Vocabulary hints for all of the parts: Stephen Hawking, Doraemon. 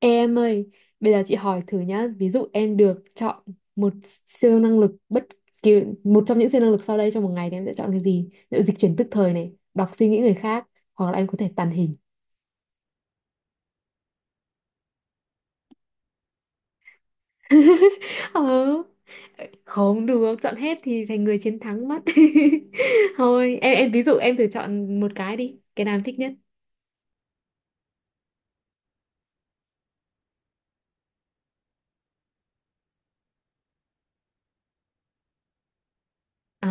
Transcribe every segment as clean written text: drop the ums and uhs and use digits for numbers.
Ê em ơi, bây giờ chị hỏi thử nhá, ví dụ em được chọn một siêu năng lực bất kỳ, một trong những siêu năng lực sau đây trong một ngày thì em sẽ chọn cái gì? Ví dụ dịch chuyển tức thời này, đọc suy nghĩ người khác, hoặc là em có thể tàng hình. Ờ, không được, chọn hết thì thành người chiến thắng mất. Thôi, em ví dụ em thử chọn một cái đi, cái nào em thích nhất? Ồ,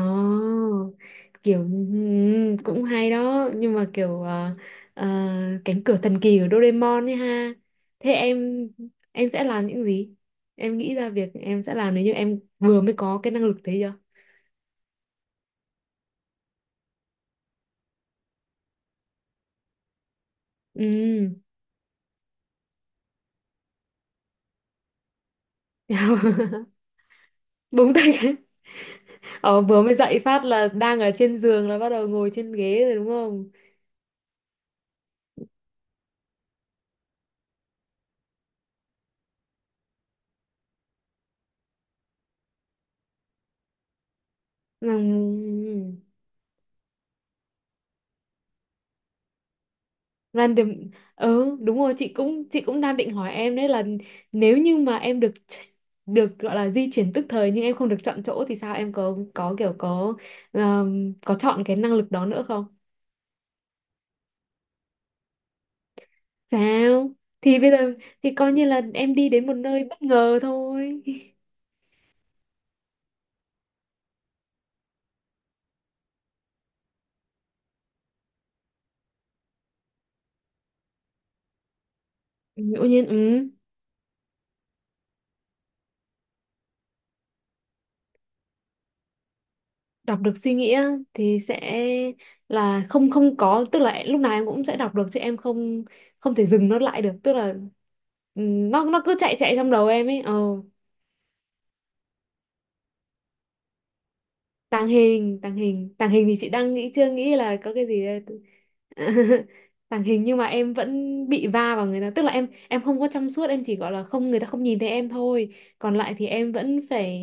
kiểu cũng hay đó nhưng mà kiểu ờ, cánh cửa thần kỳ của Doraemon ấy ha. Thế em sẽ làm những gì, em nghĩ ra việc em sẽ làm nếu như em vừa mới có cái năng lực đấy chưa? um. Búng tay, ờ, vừa mới dậy phát là đang ở trên giường là bắt đầu ngồi trên ghế rồi đúng không? Ừm. Random. Ừ đúng rồi, chị cũng đang định hỏi em đấy là nếu như mà được gọi là di chuyển tức thời nhưng em không được chọn chỗ thì sao, em có có chọn cái năng lực đó nữa không? Sao thì bây giờ thì coi như là em đi đến một nơi bất ngờ thôi. Ngẫu nhiên, ừ, đọc được suy nghĩ á, thì sẽ là không không có tức là lúc nào em cũng sẽ đọc được chứ em không không thể dừng nó lại được, tức là ừ, nó cứ chạy chạy trong đầu em ấy ờ. Tàng hình thì chị đang nghĩ, chưa nghĩ là có cái gì đây. Tàng hình nhưng mà em vẫn bị va vào người ta, tức là em không có trong suốt, em chỉ gọi là không, người ta không nhìn thấy em thôi, còn lại thì em vẫn phải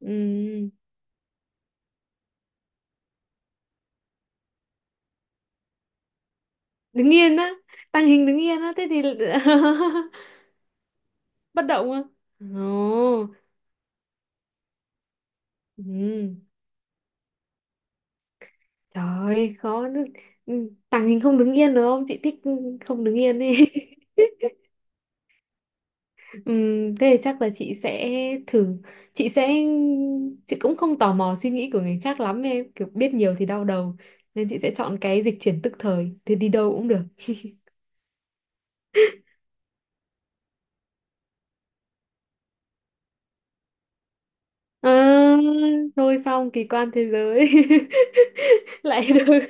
ừm, đứng yên á. Tàng hình đứng yên á, thế thì bất động á. Ồ, ừm, trời ơi, khó nữa. Tàng hình không đứng yên được không, chị thích không đứng yên đi. Thế thì chắc là chị sẽ thử, chị sẽ, chị cũng không tò mò suy nghĩ của người khác lắm em, kiểu biết nhiều thì đau đầu, nên chị sẽ chọn cái dịch chuyển tức thời thì đi đâu cũng được. À, thôi xong kỳ quan thế giới. Lại được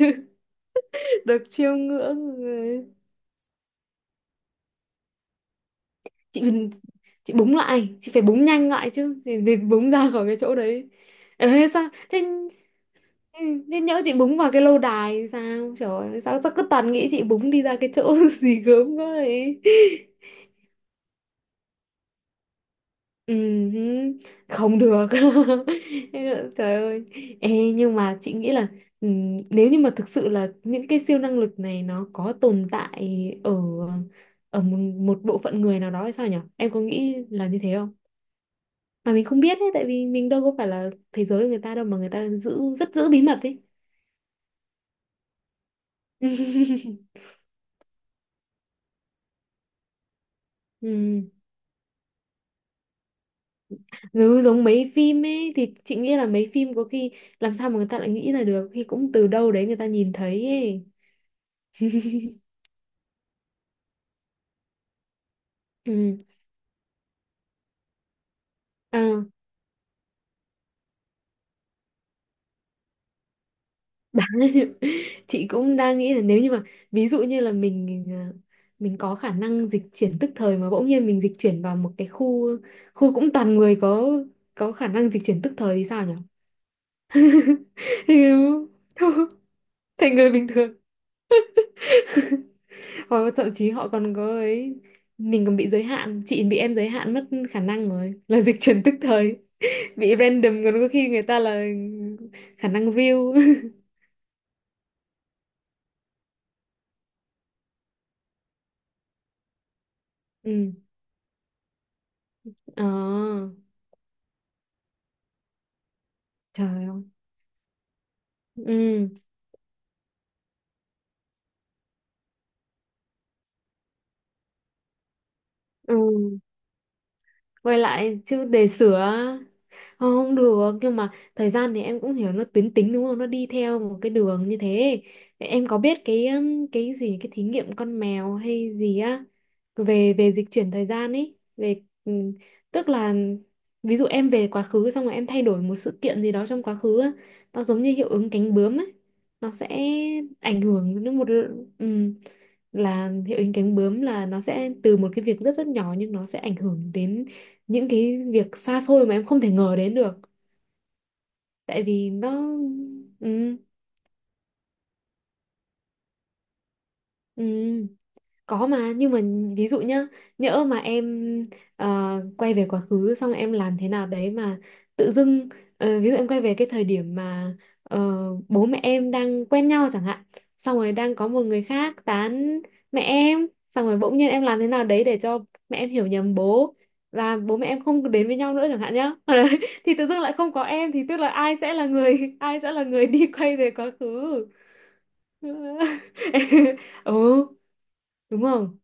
được chiêm ngưỡng rồi. chị chị búng lại, chị phải búng nhanh lại chứ, chị búng ra khỏi cái chỗ đấy. Ê, sao thế. Ừ, nên nhớ chị búng vào cái lâu đài thì sao, trời ơi, sao sao cứ toàn nghĩ chị búng đi ra cái chỗ gì gớm quá ấy. Ừ, không được. Trời ơi. Ê, nhưng mà chị nghĩ là ừ, nếu như mà thực sự là những cái siêu năng lực này nó có tồn tại ở ở một bộ phận người nào đó hay sao nhở, em có nghĩ là như thế không, mà mình không biết đấy, tại vì mình đâu có phải là thế giới của người ta đâu mà người ta giữ rất giữ bí mật ấy. Ừ. Dứ giống mấy phim ấy thì chị nghĩ là mấy phim có khi làm sao mà người ta lại nghĩ ra được, khi cũng từ đâu đấy người ta nhìn thấy ấy. Ừ. À, đáng. Chị cũng đang nghĩ là nếu như mà ví dụ như là mình à, mình có khả năng dịch chuyển tức thời mà bỗng nhiên mình dịch chuyển vào một cái khu, khu cũng toàn người có khả năng dịch chuyển tức thời thì sao nhỉ? Thành người bình thường. Thôi thậm chí họ còn có ấy, mình còn bị giới hạn, chị bị em giới hạn mất khả năng rồi là dịch chuyển tức thời. Bị random còn có khi người ta là khả năng real. Ừ. Ờ, trời ơi. Ừ. Ừ, quay lại chứ để sửa. Không được, nhưng mà thời gian thì em cũng hiểu nó tuyến tính đúng không, nó đi theo một cái đường như thế. Em có biết cái gì cái thí nghiệm con mèo hay gì á, về về dịch chuyển thời gian ấy, về ừ, tức là ví dụ em về quá khứ xong rồi em thay đổi một sự kiện gì đó trong quá khứ á, nó giống như hiệu ứng cánh bướm ấy, nó sẽ ảnh hưởng đến một ừ, là hiệu ứng cánh bướm là nó sẽ từ một cái việc rất rất nhỏ nhưng nó sẽ ảnh hưởng đến những cái việc xa xôi mà em không thể ngờ đến được, tại vì nó ừ, ừ. Có mà, nhưng mà ví dụ nhá, nhỡ mà em ờ, quay về quá khứ xong em làm thế nào đấy mà tự dưng ờ, ví dụ em quay về cái thời điểm mà ờ, bố mẹ em đang quen nhau chẳng hạn, xong rồi đang có một người khác tán mẹ em, xong rồi bỗng nhiên em làm thế nào đấy để cho mẹ em hiểu nhầm bố và bố mẹ em không đến với nhau nữa chẳng hạn nhá. Đấy, thì tự dưng lại không có em thì tức là ai sẽ là người, ai sẽ là người đi quay về quá khứ. Ừ, đúng không.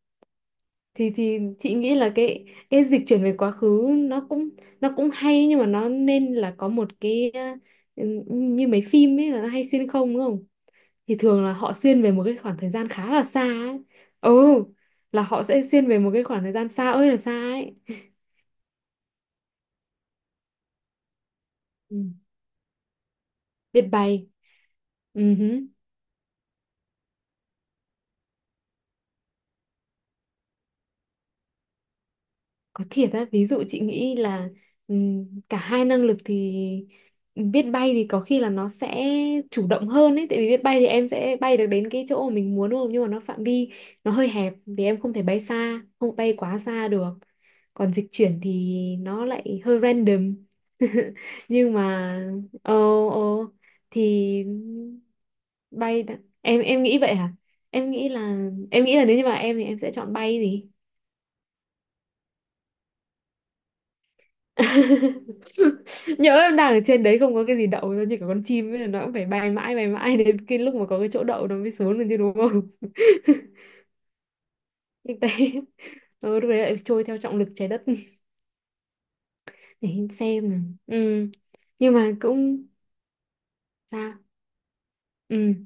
Thì chị nghĩ là cái dịch chuyển về quá khứ nó cũng, nó cũng hay nhưng mà nó nên là có một cái ờ, như mấy phim ấy là nó hay xuyên không đúng không, thì thường là họ xuyên về một cái khoảng thời gian khá là xa ấy. Ừ, là họ sẽ xuyên về một cái khoảng thời gian xa ơi là xa ấy. Ừ. Biết bay. Ừ. Hứ. Có thiệt á, ví dụ chị nghĩ là cả hai năng lực thì biết bay thì có khi là nó sẽ chủ động hơn ấy, tại vì biết bay thì em sẽ bay được đến cái chỗ mà mình muốn đúng không, nhưng mà nó phạm vi, nó hơi hẹp vì em không thể bay xa, không bay quá xa được, còn dịch chuyển thì nó lại hơi random. Nhưng mà ờ ờ thì bay đã- em nghĩ vậy hả, em nghĩ là, em nghĩ là nếu như mà em thì em sẽ chọn bay gì. Nhỡ em đang ở trên đấy không có cái gì đậu, nó như cả con chim ấy, nó cũng phải bay mãi đến cái lúc mà có cái chỗ đậu nó mới xuống được chứ đúng không. Thực tế ừ, lúc đấy lại trôi theo trọng lực trái đất. Để xem nào. Ừ. Nhưng mà cũng sao. Ừ.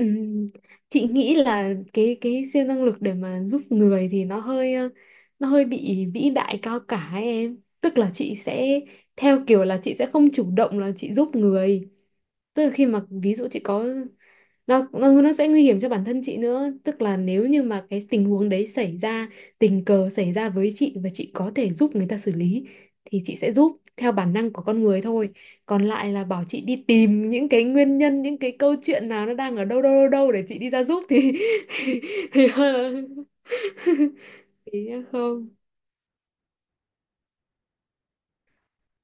Ừm, chị nghĩ là cái siêu năng lực để mà giúp người thì nó hơi ờ, nó hơi bị vĩ đại cao cả ấy em, tức là chị sẽ theo kiểu là chị sẽ không chủ động là chị giúp người, tức là khi mà ví dụ chị có nó sẽ nguy hiểm cho bản thân chị nữa, tức là nếu như mà cái tình huống đấy xảy ra tình cờ xảy ra với chị và chị có thể giúp người ta xử lý thì chị sẽ giúp theo bản năng của con người thôi, còn lại là bảo chị đi tìm những cái nguyên nhân, những cái câu chuyện nào nó đang ở đâu đâu đâu đâu để chị đi ra giúp thì thì, thì, thì không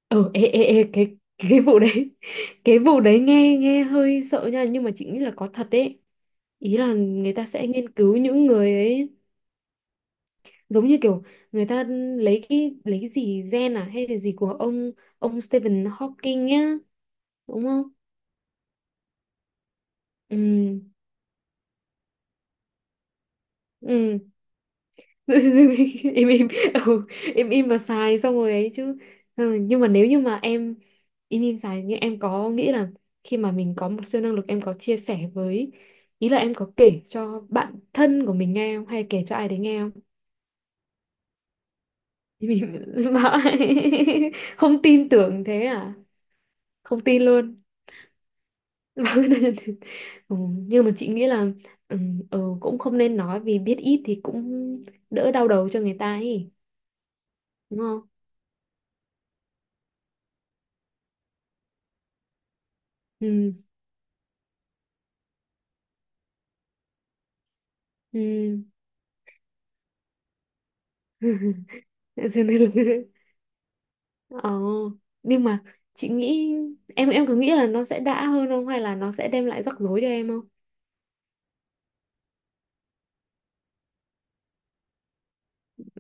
ờ ê, ê, ê, cái cái vụ đấy cái vụ đấy nghe nghe hơi sợ nha, nhưng mà chị nghĩ là có thật đấy, ý là người ta sẽ nghiên cứu những người ấy, giống như kiểu người ta lấy cái gì gen à hay là gì của ông Stephen Hawking nhá, đúng không. Ừ. Ừ. Em im. Ừ, im im mà xài xong rồi ấy chứ. Xong nhưng mà nếu như mà em im im xài, nhưng em có nghĩ là khi mà mình có một siêu năng lực em có chia sẻ với, ý là em có kể cho bạn thân của mình nghe không, hay kể cho ai đấy nghe không. Im, im bảo. Không tin tưởng thế à, không tin luôn. Ừ, nhưng mà chị nghĩ là ừ, cũng không nên nói vì biết ít thì cũng đỡ đau đầu cho người ta ấy, đúng không. Ừ. Ừ. Dừng lại lần. Ờ, nhưng mà chị nghĩ, em cứ nghĩ là nó sẽ đã hơn không, hay là nó sẽ đem lại rắc rối cho em không?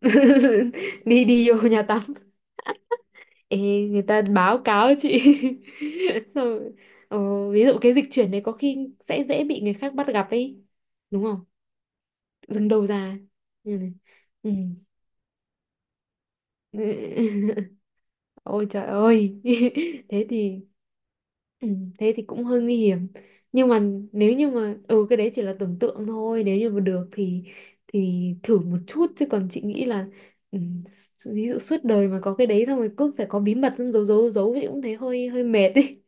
Đi đi vô nhà tắm. Ê, người ta báo cáo chị. Xong rồi, ờ, ví dụ cái dịch chuyển này có khi sẽ dễ bị người khác bắt gặp ấy, đúng không, dừng đầu ra. Ừ. Ừ. Ôi trời ơi. Thế thì Ừ, thế thì cũng hơi nguy hiểm, nhưng mà nếu như mà ừ cái đấy chỉ là tưởng tượng thôi, nếu như mà được thì thử một chút chứ còn chị nghĩ là ừ, ví dụ suốt đời mà có cái đấy xong rồi cứ phải có bí mật xong giấu giấu giấu thì cũng thấy hơi hơi mệt ấy.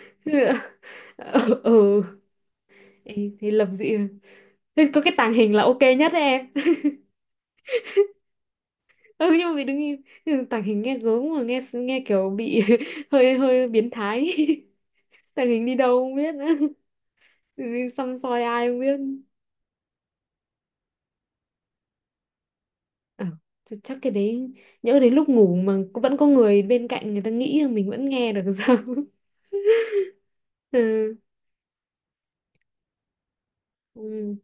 Ừ, ừ. Ê, thế lập dị, thế có cái tàng hình là ok nhất đấy em. Ừ nhưng mà mình đứng im nhưng mà tàng hình nghe gớm mà, nghe nghe kiểu bị hơi hơi biến thái. Tàng hình đi đâu không biết nữa. Gì, xăm soi ai không biết. À, chắc cái đấy nhỡ đến lúc ngủ mà cũng vẫn có người bên cạnh, người ta nghĩ là mình vẫn nghe được sao. Ừ. Ừ.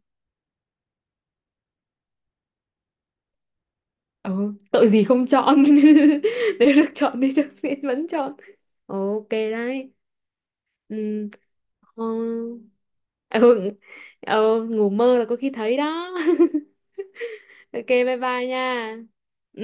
Ờ, tội gì không chọn. Nếu được chọn thì chắc sẽ vẫn chọn, ok đấy. Ừ. Ờ. Ừ. Ừ ngủ mơ là có khi thấy đó. Ok bye bye nha. Ừ.